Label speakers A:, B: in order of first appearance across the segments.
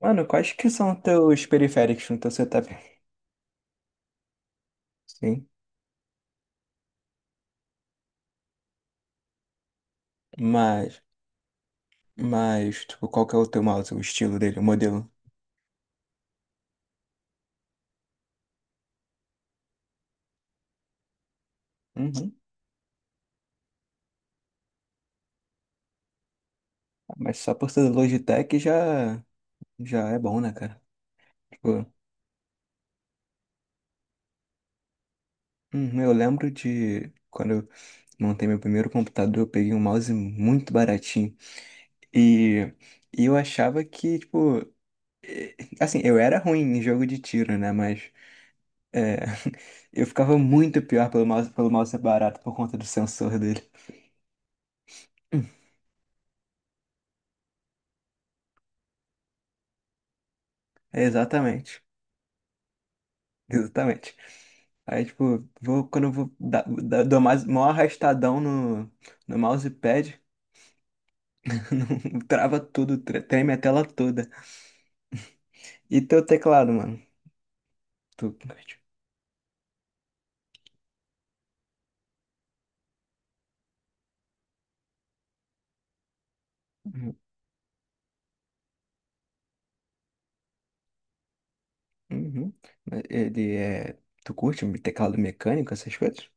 A: Mano, quais que são teus periféricos no teu setup? Sim, mas, mas, tipo, qual que é o teu mouse, o estilo dele, o modelo? Uhum. Mas só por ser Logitech já é bom, né, cara? Tipo, uhum, eu lembro de quando eu montei meu primeiro computador, eu peguei um mouse muito baratinho. E, e eu achava que, tipo, assim, eu era ruim em jogo de tiro, né, mas é, eu ficava muito pior pelo mouse barato por conta do sensor dele. Exatamente. Exatamente. Aí, tipo, quando eu vou dou mais, maior arrastadão no mousepad, trava tudo, treme a tela toda. E teu teclado, mano? Tu, uhum. Ele é. Tu curte um teclado mecânico, essas coisas?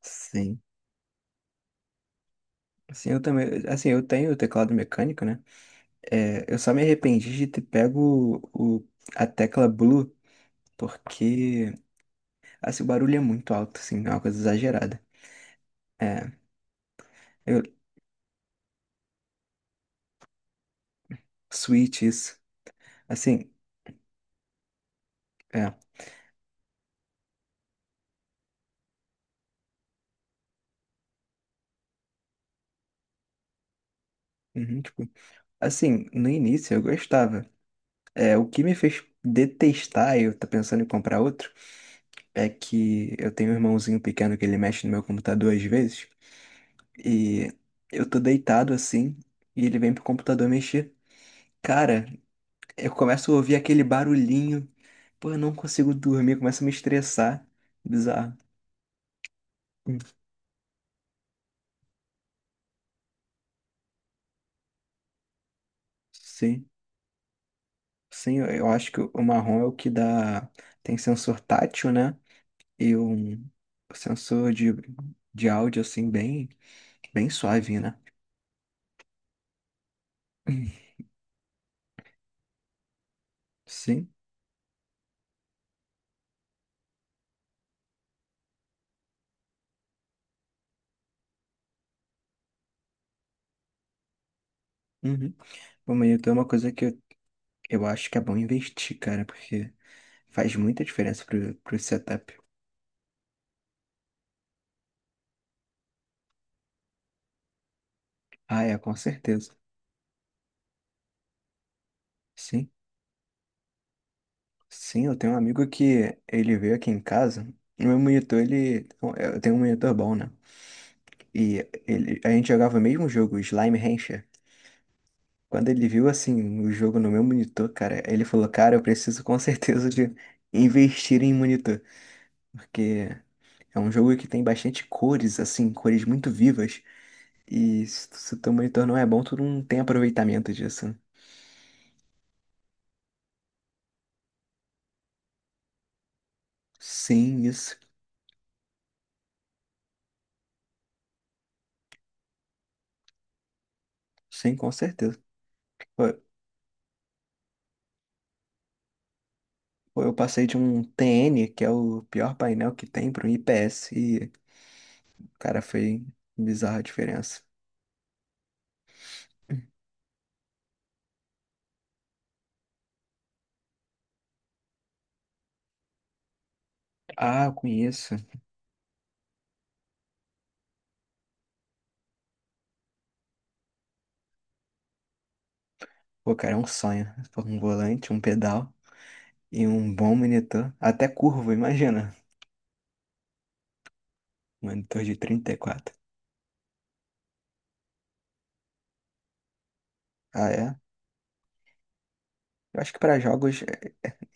A: Sim. Assim, eu também. Assim, eu tenho o teclado mecânico, né? É, eu só me arrependi de ter pego a tecla blue, porque assim, o barulho é muito alto, assim, é uma coisa exagerada. É, eu, switch isso. Assim, é. Uhum, tipo, assim, no início eu gostava. É, o que me fez detestar, eu tô pensando em comprar outro, é que eu tenho um irmãozinho pequeno que ele mexe no meu computador às vezes, e eu tô deitado assim, e ele vem pro computador mexer. Cara, eu começo a ouvir aquele barulhinho. Pô, eu não consigo dormir, começa a me estressar. Bizarro. Hum. Sim, sim, eu acho que o marrom é o que dá. Tem sensor tátil, né? E um sensor de áudio, assim, bem, bem suave, né? Hum. Sim. Uhum. Bom, mas então é uma coisa que eu acho que é bom investir, cara, porque faz muita diferença pro setup. Ah, é, com certeza. Sim. Sim, eu tenho um amigo que ele veio aqui em casa. O meu monitor, ele. Eu tenho um monitor bom, né? E ele... a gente jogava o mesmo jogo, Slime Rancher. Quando ele viu, assim, o jogo no meu monitor, cara, ele falou: "Cara, eu preciso com certeza de investir em monitor." Porque é um jogo que tem bastante cores, assim, cores muito vivas. E se o teu monitor não é bom, tu não tem aproveitamento disso. Sim, isso. Sim, com certeza. Pô, eu passei de um TN, que é o pior painel que tem, para um IPS. E, cara, foi bizarra a diferença. Ah, eu conheço. Pô, cara, é um sonho. Pô, um volante, um pedal e um bom monitor. Até curvo, imagina. Monitor de 34. Ah, é? Eu acho que para jogos,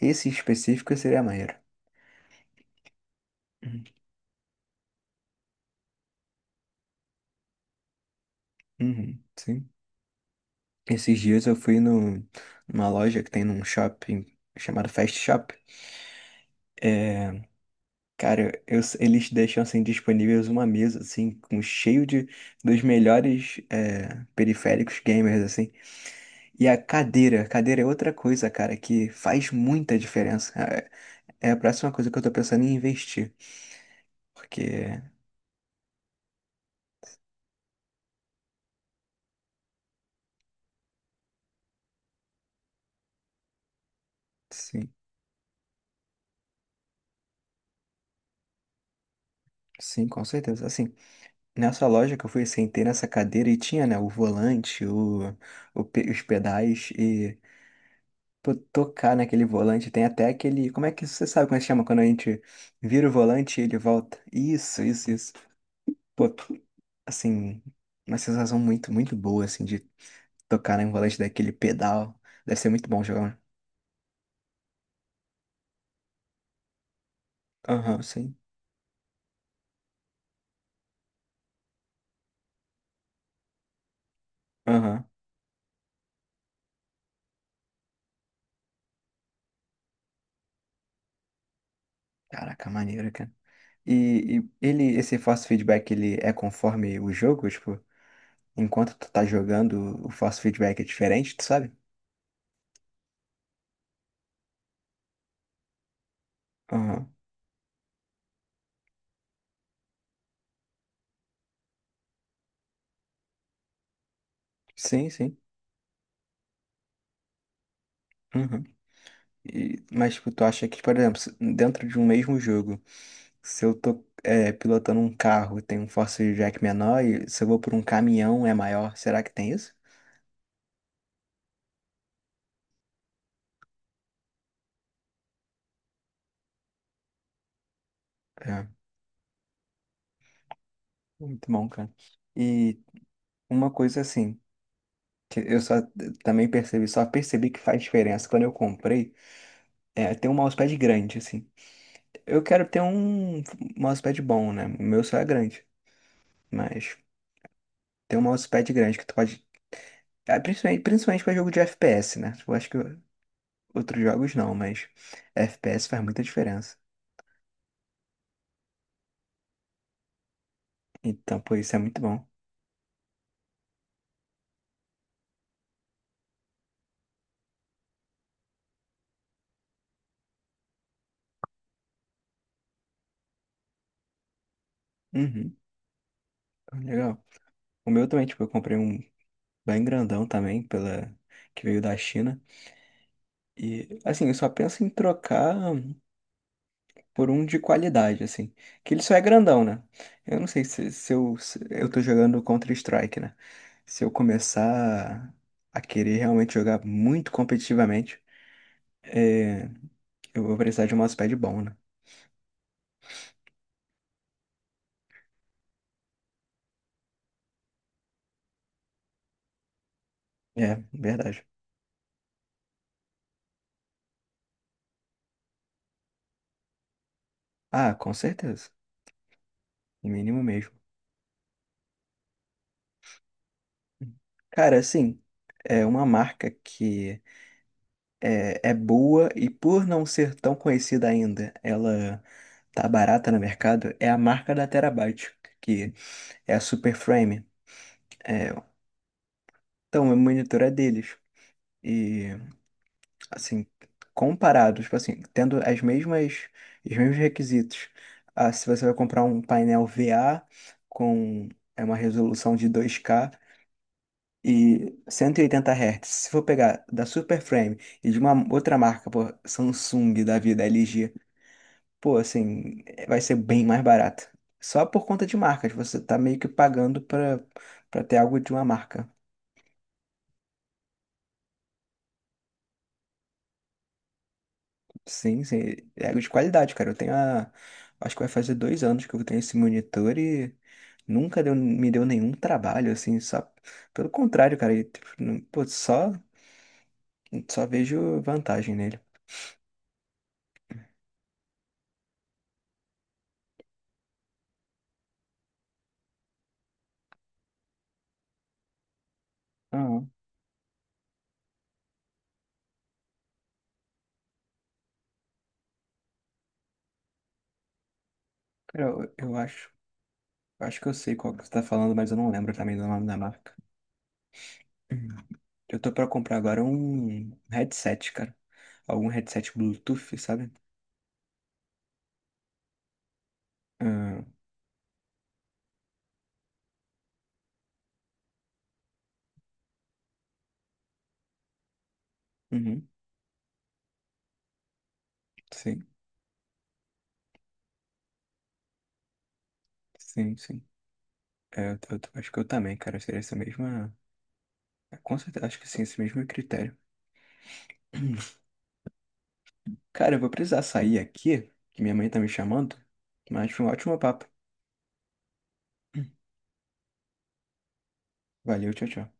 A: esse específico seria maneiro. Uhum, uhum, sim. Esses dias eu fui no, numa loja que tem num shopping chamado Fast Shop. É, cara, eles deixam assim disponíveis uma mesa assim com cheio de dos melhores é, periféricos gamers assim. E a cadeira é outra coisa, cara, que faz muita diferença. É a próxima coisa que eu tô pensando em investir, porque sim, sim, com certeza. Assim, nessa loja que eu fui, sentei nessa cadeira e tinha, né, o volante, os pedais. Pô, tocar naquele volante. Tem até aquele. Como é que você sabe como é que chama? Quando a gente vira o volante e ele volta. Isso, isso, isso. Pô, assim, uma sensação muito, muito boa, assim, de tocar em um volante daquele pedal. Deve ser muito bom jogar. Um. Aham, sim. Aham. Caraca, maneiro, cara. E ele, esse force feedback, ele é conforme o jogo? Tipo, enquanto tu tá jogando, o force feedback é diferente, tu sabe? Aham. Sim, sim. Uhum. E- mas tipo, tu acha que, por exemplo, se- dentro de um mesmo jogo, se eu tô é, pilotando um carro, tem um Force Jack menor, e se eu vou por um caminhão é maior, será que tem isso? É, muito bom, cara. E uma coisa assim, que eu só também percebi, só percebi que faz diferença quando eu comprei, é ter um mousepad grande, assim. Eu quero ter um mousepad bom, né? O meu só é grande, mas ter um mousepad grande que tu pode. Ah, principalmente, principalmente para jogo de FPS, né? Eu acho que outros jogos não, mas FPS faz muita diferença. Então, pô, isso é muito bom. Uhum, legal. O meu também, tipo, eu comprei um bem grandão também, pela... que veio da China. E, assim, eu só penso em trocar por um de qualidade, assim. Que ele só é grandão, né? Eu não sei se se eu tô jogando Counter-Strike, né? Se eu começar a querer realmente jogar muito competitivamente, é, eu vou precisar de um mousepad bom, né? É, verdade. Ah, com certeza. O mínimo mesmo. Cara, assim, é uma marca que é boa e por não ser tão conhecida ainda, ela tá barata no mercado, é a marca da Terabyte, que é a Superframe. É, então, o monitor é deles. E, assim, comparado, tipo assim, tendo as mesmas, os mesmos requisitos. Ah, se você vai comprar um painel VA com é uma resolução de 2K, e 180 Hz. Se for pegar da Super Frame e de uma outra marca, pô, Samsung da vida, LG, pô, assim, vai ser bem mais barato. Só por conta de marcas, você tá meio que pagando pra ter algo de uma marca. Sim, sim, é algo de qualidade, cara. Eu tenho a. Acho que vai fazer 2 anos que eu tenho esse monitor e nunca deu, me deu nenhum trabalho, assim, só. Pelo contrário, cara, e, tipo, não- pô, só, só vejo vantagem nele. Aham. Cara, eu acho. Eu Acho que eu sei qual que você tá falando, mas eu não lembro também do nome da marca. Eu tô pra comprar agora um headset, cara. Algum headset Bluetooth, sabe? Ah, uhum. Sim, sim, sim. É, eu, acho que eu também, cara. Seria essa mesma. É, com certeza, acho que sim, esse mesmo critério. Cara, eu vou precisar sair aqui, que minha mãe tá me chamando. Mas foi um ótimo papo. Valeu, tchau, tchau.